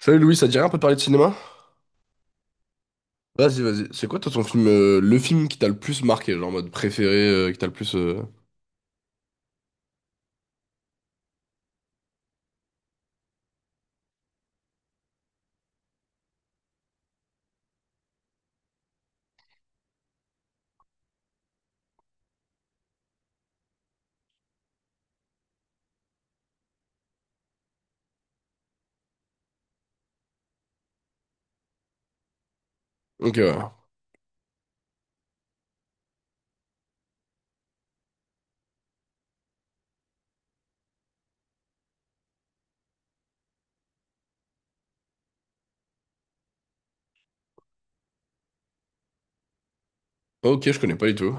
Salut Louis, ça te dirait un peu de parler de cinéma? Vas-y, vas-y. C'est quoi toi ton film, le film qui t'a le plus marqué, genre en mode préféré, qui t'a le plus. Ok, ouais. Ok, je connais pas du tout.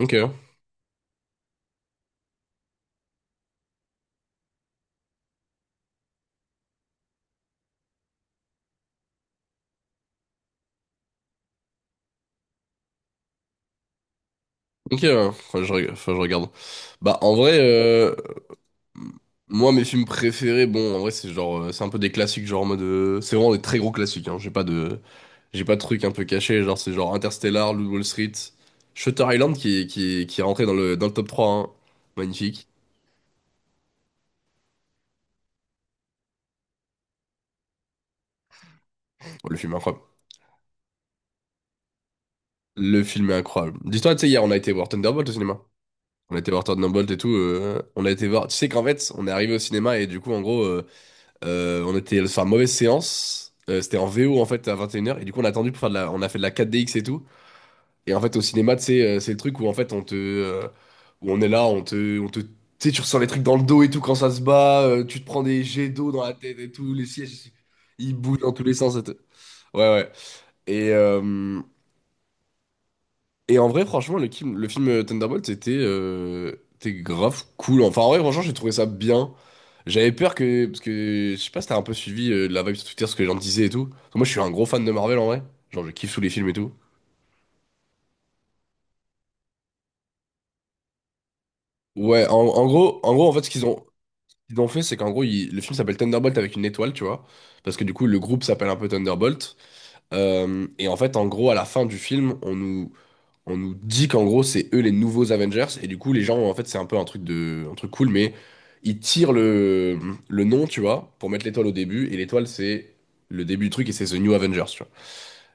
Ok, ok, ouais. Enfin, enfin, je regarde. Bah, en vrai, moi, mes films préférés, bon, en vrai, c'est genre, c'est un peu des classiques, genre en mode, c'est vraiment des très gros classiques. Hein. J'ai pas de trucs un peu cachés, genre c'est genre Interstellar, Loup de Wall Street, Shutter Island qui est rentré dans dans le top 3, hein. Magnifique. Bon, le film est incroyable. Le film est incroyable. Dis-toi, tu sais, hier, on a été voir Thunderbolt au cinéma. On a été voir Thunderbolt et tout. On a été voir. Tu sais qu'en fait, on est arrivé au cinéma et du coup, en gros, on était sur une mauvaise séance. C'était en VO en fait à 21 h. Et une heures. Et du coup, on a attendu pour faire de la. On a fait de la 4DX et tout. Et en fait, au cinéma, tu sais, c'est le truc où en fait, on te. Où on est là, on te. On te... Tu sais, tu ressens les trucs dans le dos et tout quand ça se bat. Tu te prends des jets d'eau dans la tête et tout. Les sièges, ils bougent dans tous les sens. Et tout. Ouais, ouais. Et. Et en vrai, franchement, le film Thunderbolt était, était grave cool. Enfin, en vrai, franchement, j'ai trouvé ça bien. J'avais peur que. Parce que je sais pas si t'as un peu suivi la vibe sur Twitter, ce que les gens disaient et tout. Parce que moi, je suis un gros fan de Marvel en vrai. Genre, je kiffe tous les films et tout. Ouais, en gros, en fait, ce qu'ils ont fait, c'est qu'en gros, ils- le film s'appelle Thunderbolt avec une étoile, tu vois. Parce que du coup, le groupe s'appelle un peu Thunderbolt. Et en fait, en gros, à la fin du film, on nous dit qu'en gros c'est eux les nouveaux Avengers et du coup les gens en fait c'est un peu un truc de un truc cool mais ils tirent le nom tu vois pour mettre l'étoile au début et l'étoile c'est le début du truc et c'est The New Avengers tu vois.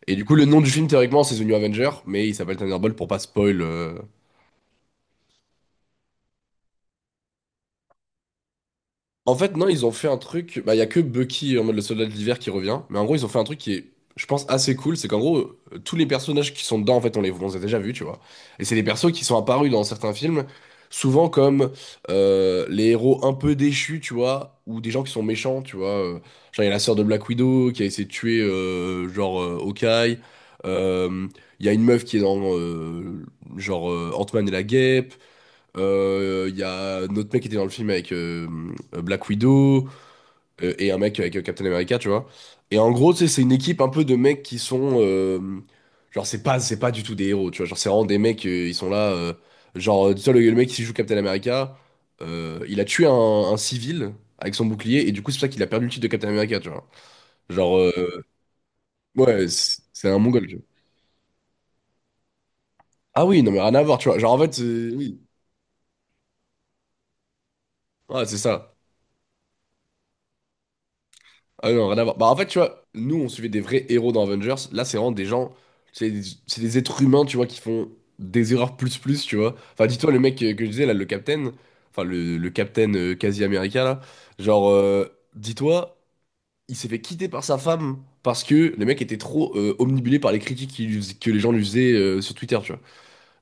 Et du coup le nom du film théoriquement c'est The New Avengers mais il s'appelle Thunderbolt pour pas spoil En fait, non, ils ont fait un truc. Bah, il y a que Bucky en mode le soldat de l'hiver qui revient. Mais en gros, ils ont fait un truc qui est, je pense, assez cool. C'est qu'en gros, tous les personnages qui sont dedans, en fait, on les a déjà vus, tu vois. Et c'est des persos qui sont apparus dans certains films, souvent comme les héros un peu déchus, tu vois, ou des gens qui sont méchants, tu vois. Genre, il y a la sœur de Black Widow qui a essayé de tuer, Hawkeye. Euh, Il y a une meuf qui est dans, Ant-Man et la Guêpe. Il y a notre mec qui était dans le film avec Black Widow et un mec avec Captain America, tu vois. Et en gros, tu sais, c'est une équipe un peu de mecs qui sont. Genre, c'est pas du tout des héros, tu vois. Genre, c'est vraiment des mecs, ils sont là. Tu vois, le mec qui joue Captain America, il a tué un civil avec son bouclier et du coup, c'est pour ça qu'il a perdu le titre de Captain America, tu vois. Genre, euh, ouais, c'est un mongol, tu vois. Ah oui, non, mais rien à voir, tu vois. Oui. Ouais, c'est ça. Ah non, rien à voir. Bah, en fait, tu vois, nous, on suivait des vrais héros dans Avengers. Là, c'est vraiment des gens. C'est des êtres humains, tu vois, qui font des erreurs plus plus, tu vois. Enfin, dis-toi, le mec que je disais, là, le Captain. Enfin, le Captain quasi américain, là. Genre, euh, Dis-toi, il s'est fait quitter par sa femme parce que le mec était trop omnibulé par les critiques que les gens lui faisaient sur Twitter, tu vois.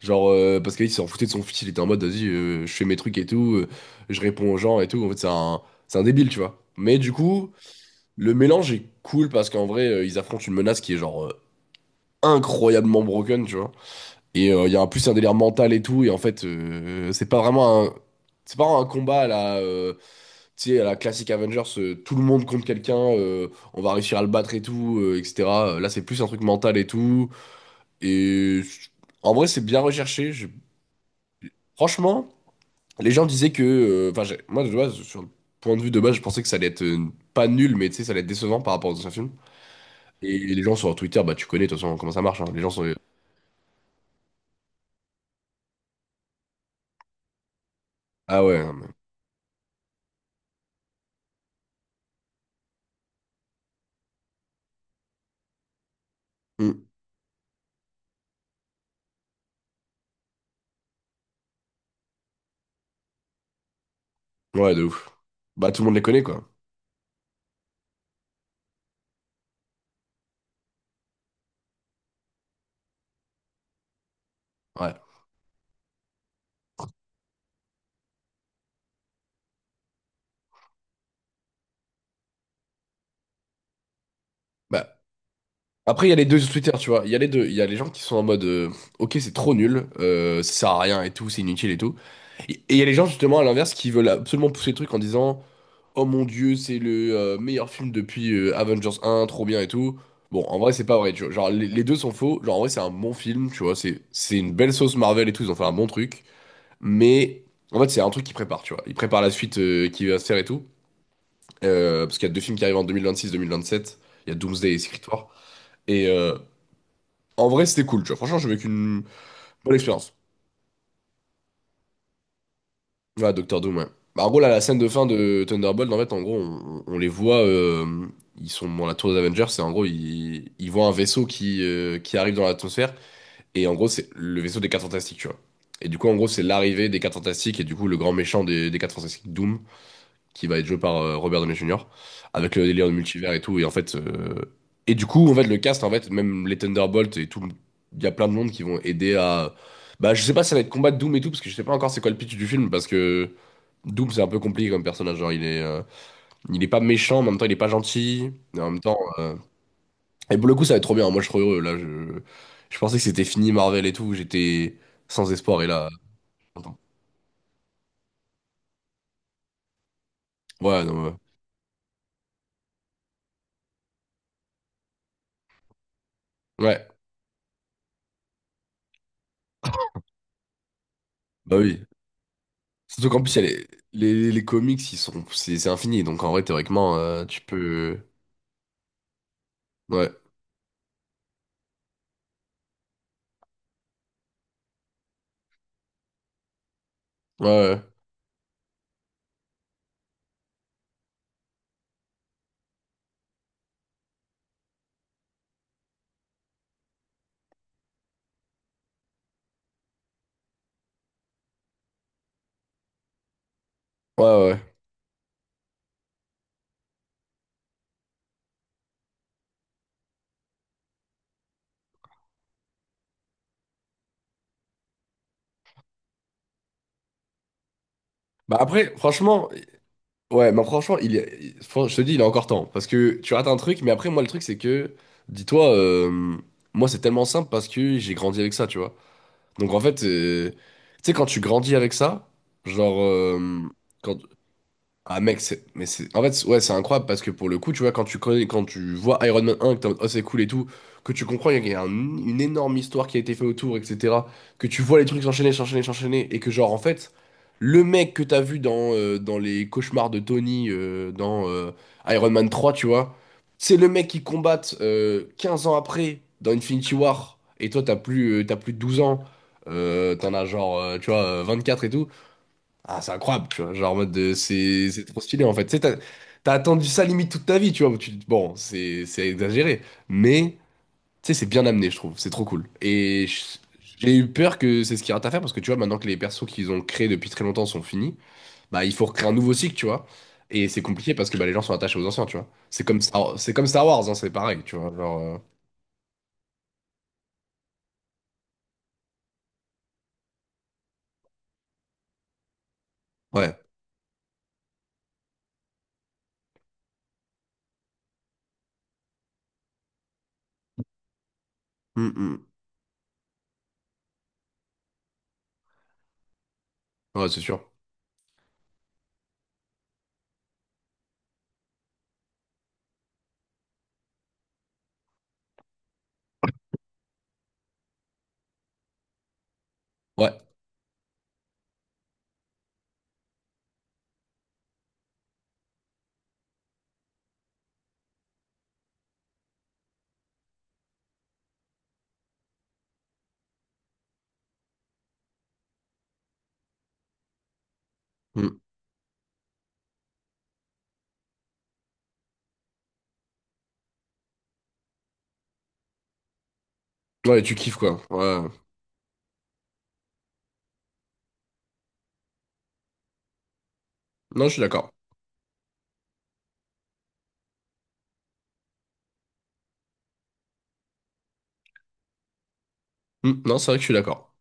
Parce qu'il s'en foutait de son fils, il était en mode, vas-y, je fais mes trucs et tout, je réponds aux gens et tout. En fait, c'est un débile, tu vois. Mais du coup. Le mélange est cool parce qu'en vrai, ils affrontent une menace qui est genre incroyablement broken, tu vois. Et il y a en plus un délire mental et tout. Et en fait, c'est pas vraiment un. C'est pas un combat à la, tu sais, à la classique Avengers, tout le monde contre quelqu'un, on va réussir à le battre et tout, etc. Là, c'est plus un truc mental et tout. Et je- En vrai, c'est bien recherché. Franchement, les gens disaient que. Enfin, moi, de base, sur le point de vue de base, je pensais que ça allait être pas nul, mais tu sais, ça allait être décevant par rapport aux anciens films. Et les gens sur Twitter, bah tu connais de toute façon comment ça marche. Hein. Les gens sont. Ah ouais. Non, mais- Hmm. Ouais, de ouf. Bah tout le monde les connaît, quoi. Ouais. Bah. Après, il y a les deux sur Twitter, tu vois. Il y a les deux. Il y a les gens qui sont en mode Ok, c'est trop nul, ça sert à rien et tout, c'est inutile et tout. Et il y a les gens, justement, à l'inverse, qui veulent absolument pousser le truc en disant Oh mon Dieu, c'est le meilleur film depuis Avengers 1, trop bien et tout. Bon, en vrai, c'est pas vrai, tu vois. Genre, les deux sont faux. Genre, en vrai, c'est un bon film, tu vois. C'est une belle sauce Marvel et tout, ils ont fait un bon truc. Mais en fait, c'est un truc qu'il prépare, tu vois. Il prépare la suite qui va se faire et tout. Parce qu'il y a deux films qui arrivent en 2026-2027. Il y a Doomsday et Secret War. Et en vrai, c'était cool, tu vois. Franchement, j'ai vécu une bonne expérience. Ouais, Docteur Doom, ouais. Bah, en gros, là, la scène de fin de Thunderbolt, en fait, en gros, on les voit. Ils sont dans la tour des Avengers. Et en gros, ils voient un vaisseau qui arrive dans l'atmosphère. Et en gros, c'est le vaisseau des quatre Fantastiques, tu vois. Et du coup, en gros, c'est l'arrivée des quatre Fantastiques. Et du coup, le grand méchant des 4 Fantastiques, Doom. Qui va être joué par Robert Downey Jr. avec le délire de multivers et tout. Et en fait, du coup, en fait, le cast, en fait, même les Thunderbolts et tout, il y a plein de monde qui vont aider à. Bah, je sais pas si ça va être combat de Doom et tout, parce que je sais pas encore c'est quoi le pitch du film, parce que Doom c'est un peu compliqué comme personnage. Genre, il est pas méchant, mais en même temps, il est pas gentil. Mais en même temps, et pour le coup, ça va être trop bien. Moi, je suis trop heureux. Je pensais que c'était fini Marvel et tout. J'étais sans espoir, et là, attends. Ouais, non, ouais. Ouais, bah oui. Surtout qu'en plus, il y a les comics, ils sont, c'est infini. Donc en vrai, théoriquement, tu peux. Ouais. Ouais, ouais. Ouais, ouais. Ouais. Bah après, franchement, ouais, mais franchement, il y a- il- fran- je te dis, il a encore temps. Parce que tu rates un truc, mais après, moi, le truc, c'est que, dis-toi, moi, c'est tellement simple parce que j'ai grandi avec ça, tu vois. Donc en fait, tu sais, quand tu grandis avec ça, genre, euh, quand, Ah mec, c'est en fait ouais, c'est incroyable parce que pour le coup, tu vois quand tu connais quand tu vois Iron Man 1 que t'es en mode, oh c'est cool et tout, que tu comprends qu'il y a une énorme histoire qui a été faite autour etc., que tu vois les trucs s'enchaîner s'enchaîner s'enchaîner et que genre en fait, le mec que t'as vu dans dans les cauchemars de Tony dans Iron Man 3, tu vois, c'est le mec qui combat 15 ans après dans Infinity War et toi t'as plus de 12 ans, t'en as genre 24 et tout. Ah, c'est incroyable, tu vois. C'est trop stylé, en fait. Tu sais, t'as attendu ça limite toute ta vie, tu vois. Bon, c'est exagéré. Mais, tu sais, c'est bien amené, je trouve. C'est trop cool. J'ai eu peur que c'est ce qu'il y a à faire parce que, tu vois, maintenant que les persos qu'ils ont créés depuis très longtemps sont finis, bah, il faut recréer un nouveau cycle, tu vois. Et c'est compliqué parce que bah, les gens sont attachés aux anciens, tu vois. C'est comme Star Wars, hein, c'est pareil, tu vois. Ouais. Hum, hum. Ouais, c'est sûr. Ouais. Hum. Ouais, tu kiffes, quoi. Ouais. Non, je suis d'accord. Hum. Non, c'est vrai que je suis d'accord.